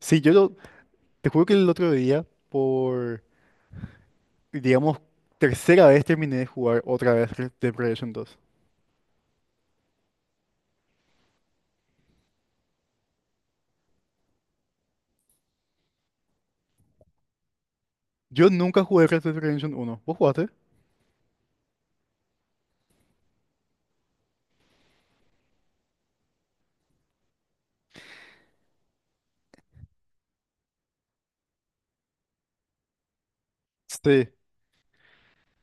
Sí, te juro que el otro día, digamos, tercera vez terminé de jugar otra vez Red Dead Redemption 2. Yo nunca jugué Red Dead Redemption 1. ¿Vos jugaste? Sí.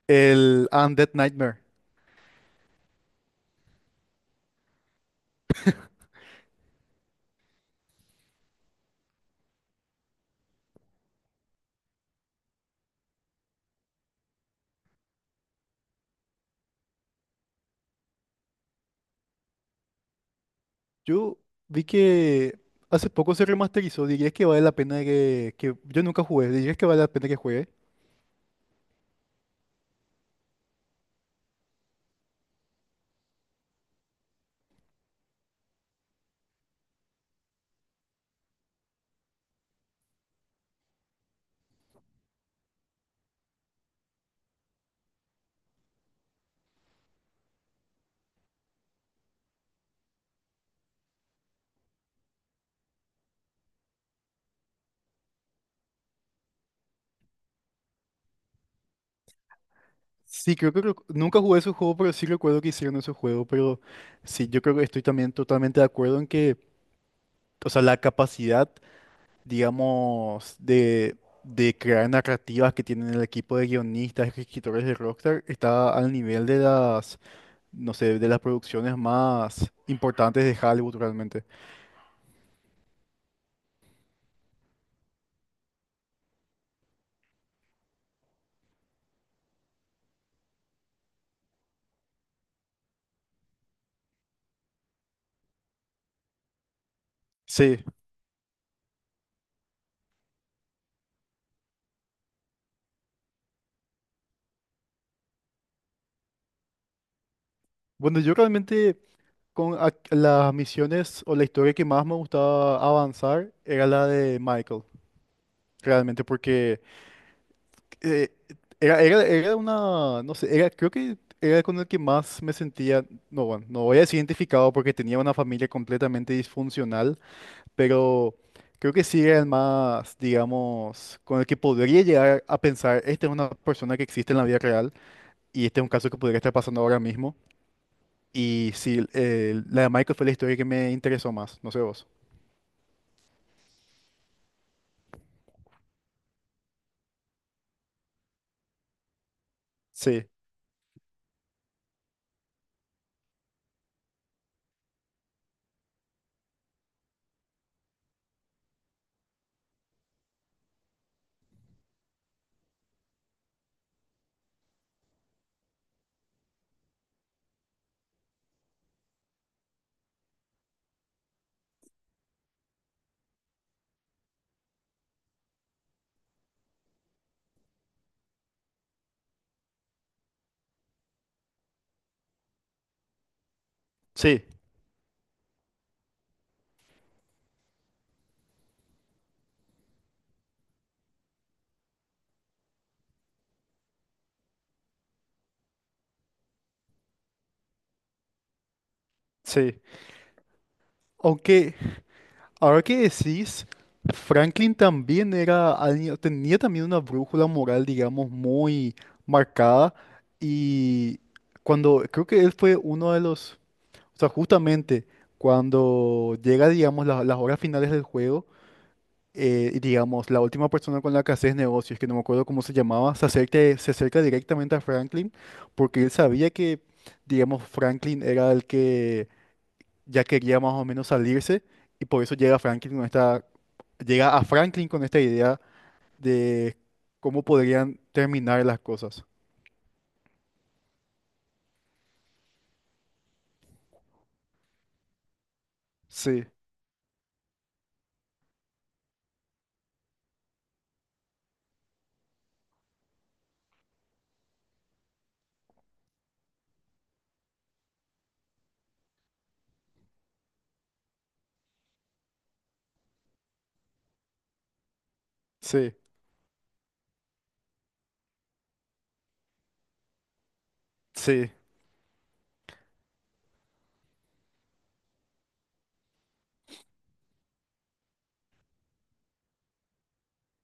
El Undead Nightmare. Yo vi que hace poco se remasterizó. ¿Dirías que vale la pena Yo nunca jugué? ¿Dirías que vale la pena que juegue? Sí, creo que nunca jugué ese juego, pero sí recuerdo que hicieron ese juego. Pero sí, yo creo que estoy también totalmente de acuerdo en que, o sea, la capacidad digamos, de crear narrativas que tienen el equipo de guionistas y escritores de Rockstar está al nivel de las, no sé, de las producciones más importantes de Hollywood realmente. Sí, bueno, yo realmente con las misiones o la historia que más me gustaba avanzar era la de Michael, realmente, porque eh, era una, no sé, era, creo que era con el que más me sentía, no, bueno, no voy a decir identificado porque tenía una familia completamente disfuncional, pero creo que sí era el más, digamos, con el que podría llegar a pensar, esta es una persona que existe en la vida real y este es un caso que podría estar pasando ahora mismo. Y sí, la de Michael fue la historia que me interesó más, no sé vos. Sí, sí, sí. Aunque ahora que decís, Franklin también era alguien- tenía también una brújula moral, digamos, muy marcada y cuando creo que él fue uno de los. O sea, justamente cuando llega, digamos, las horas finales del juego, y, digamos, la última persona con la que haces negocios, que no me acuerdo cómo se llamaba, se acerca directamente a Franklin porque él sabía que, digamos, Franklin era el que ya quería más o menos salirse, y por eso llega Franklin con esta, llega a Franklin con esta idea de cómo podrían terminar las cosas. Sí, sí, sí,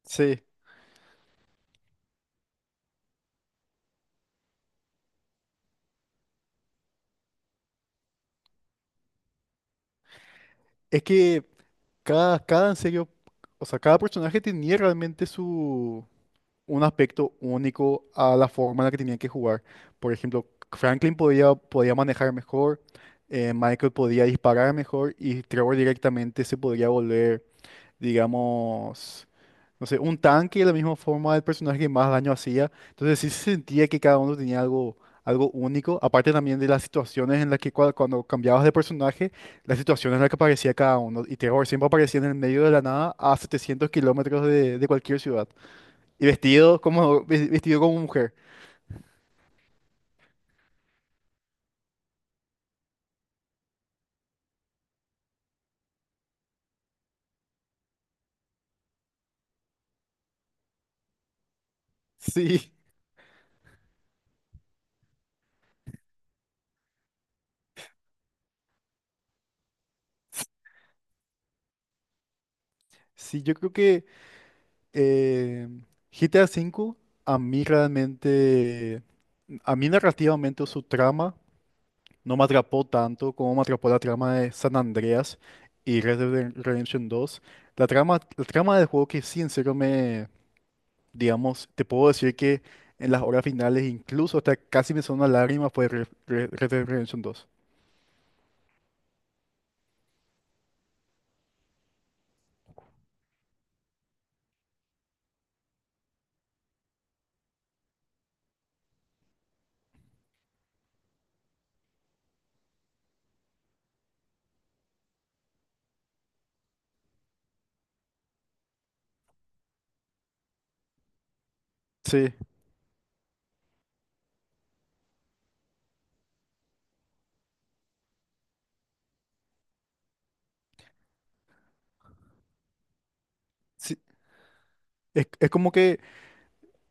sí. Es que cada en serio, o sea, cada personaje tenía realmente su un aspecto único a la forma en la que tenían que jugar. Por ejemplo, Franklin podía manejar mejor, Michael podía disparar mejor y Trevor directamente se podría volver, digamos, no sé, un tanque de la misma forma del personaje que más daño hacía. Entonces sí se sentía que cada uno tenía algo, algo único, aparte también de las situaciones en las que cuando cambiabas de personaje, las situaciones en las que aparecía cada uno. Y Terror siempre aparecía en el medio de la nada a 700 kilómetros de cualquier ciudad. Y vestido como, vestido como mujer. Sí, sí, yo creo que eh, GTA V a mí realmente, a mí narrativamente o su trama no me atrapó tanto como me atrapó la trama de San Andreas y Red Dead Redemption 2. La trama del juego que sí, en serio me, digamos, te puedo decir que en las horas finales, incluso hasta casi me sonó una lágrima, fue Red Dead Redemption 2. Sí, sí. Es, es como que,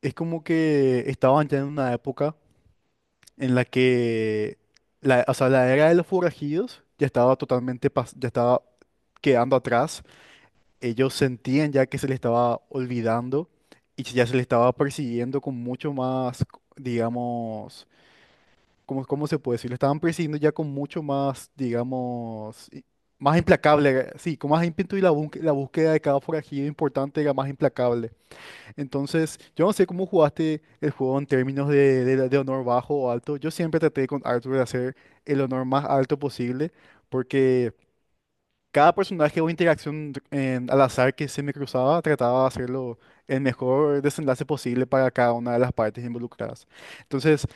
es como que estaban ya en una época en la que la, o sea, la era de los forajidos ya estaba totalmente, ya estaba quedando atrás, ellos sentían ya que se les estaba olvidando y ya se les estaba persiguiendo con mucho más, digamos, ¿cómo, cómo se puede decir? Lo estaban persiguiendo ya con mucho más, digamos, más implacable, sí, con más ímpetu y la, la búsqueda de cada forajido importante era más implacable. Entonces, yo no sé cómo jugaste el juego en términos de, de honor bajo o alto. Yo siempre traté con Arthur de hacer el honor más alto posible porque... Cada personaje o interacción al azar que se me cruzaba trataba de hacerlo el mejor desenlace posible para cada una de las partes involucradas. Entonces,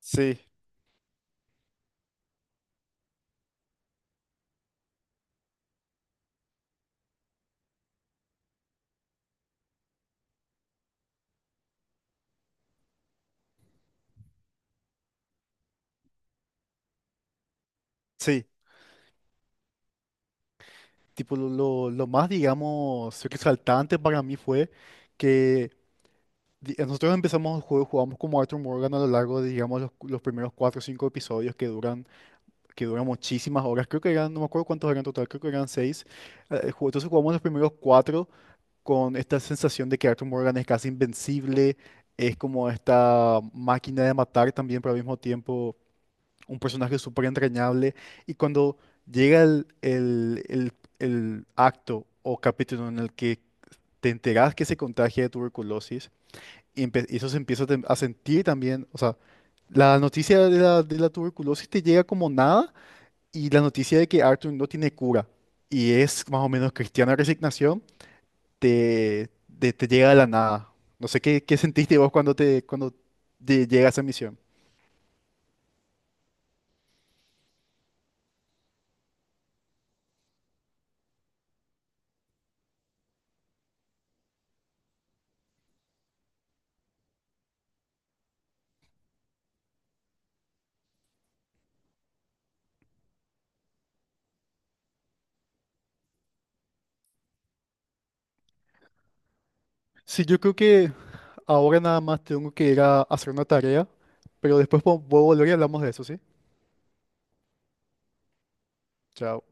sí, sí, tipo lo más, digamos, resaltante para mí fue que nosotros empezamos el juego, jugamos como Arthur Morgan a lo largo de, digamos, los primeros 4 o 5 episodios que duran muchísimas horas. Creo que eran, no me acuerdo cuántos eran en total, creo que eran 6. Entonces jugamos los primeros 4, con esta sensación de que Arthur Morgan es casi invencible, es como esta máquina de matar también, pero al mismo tiempo un personaje súper entrañable. Y cuando llega el acto o capítulo en el que te enteras que se contagia de tuberculosis, y eso se empieza a a sentir también, o sea, la noticia de la tuberculosis te llega como nada, y la noticia de que Arthur no tiene cura y es más o menos cristiana resignación te, te llega de la nada. No sé qué, qué sentiste vos cuando te llega esa misión. Sí, yo creo que ahora nada más tengo que ir a hacer una tarea, pero después voy a volver y hablamos de eso, ¿sí? Chao.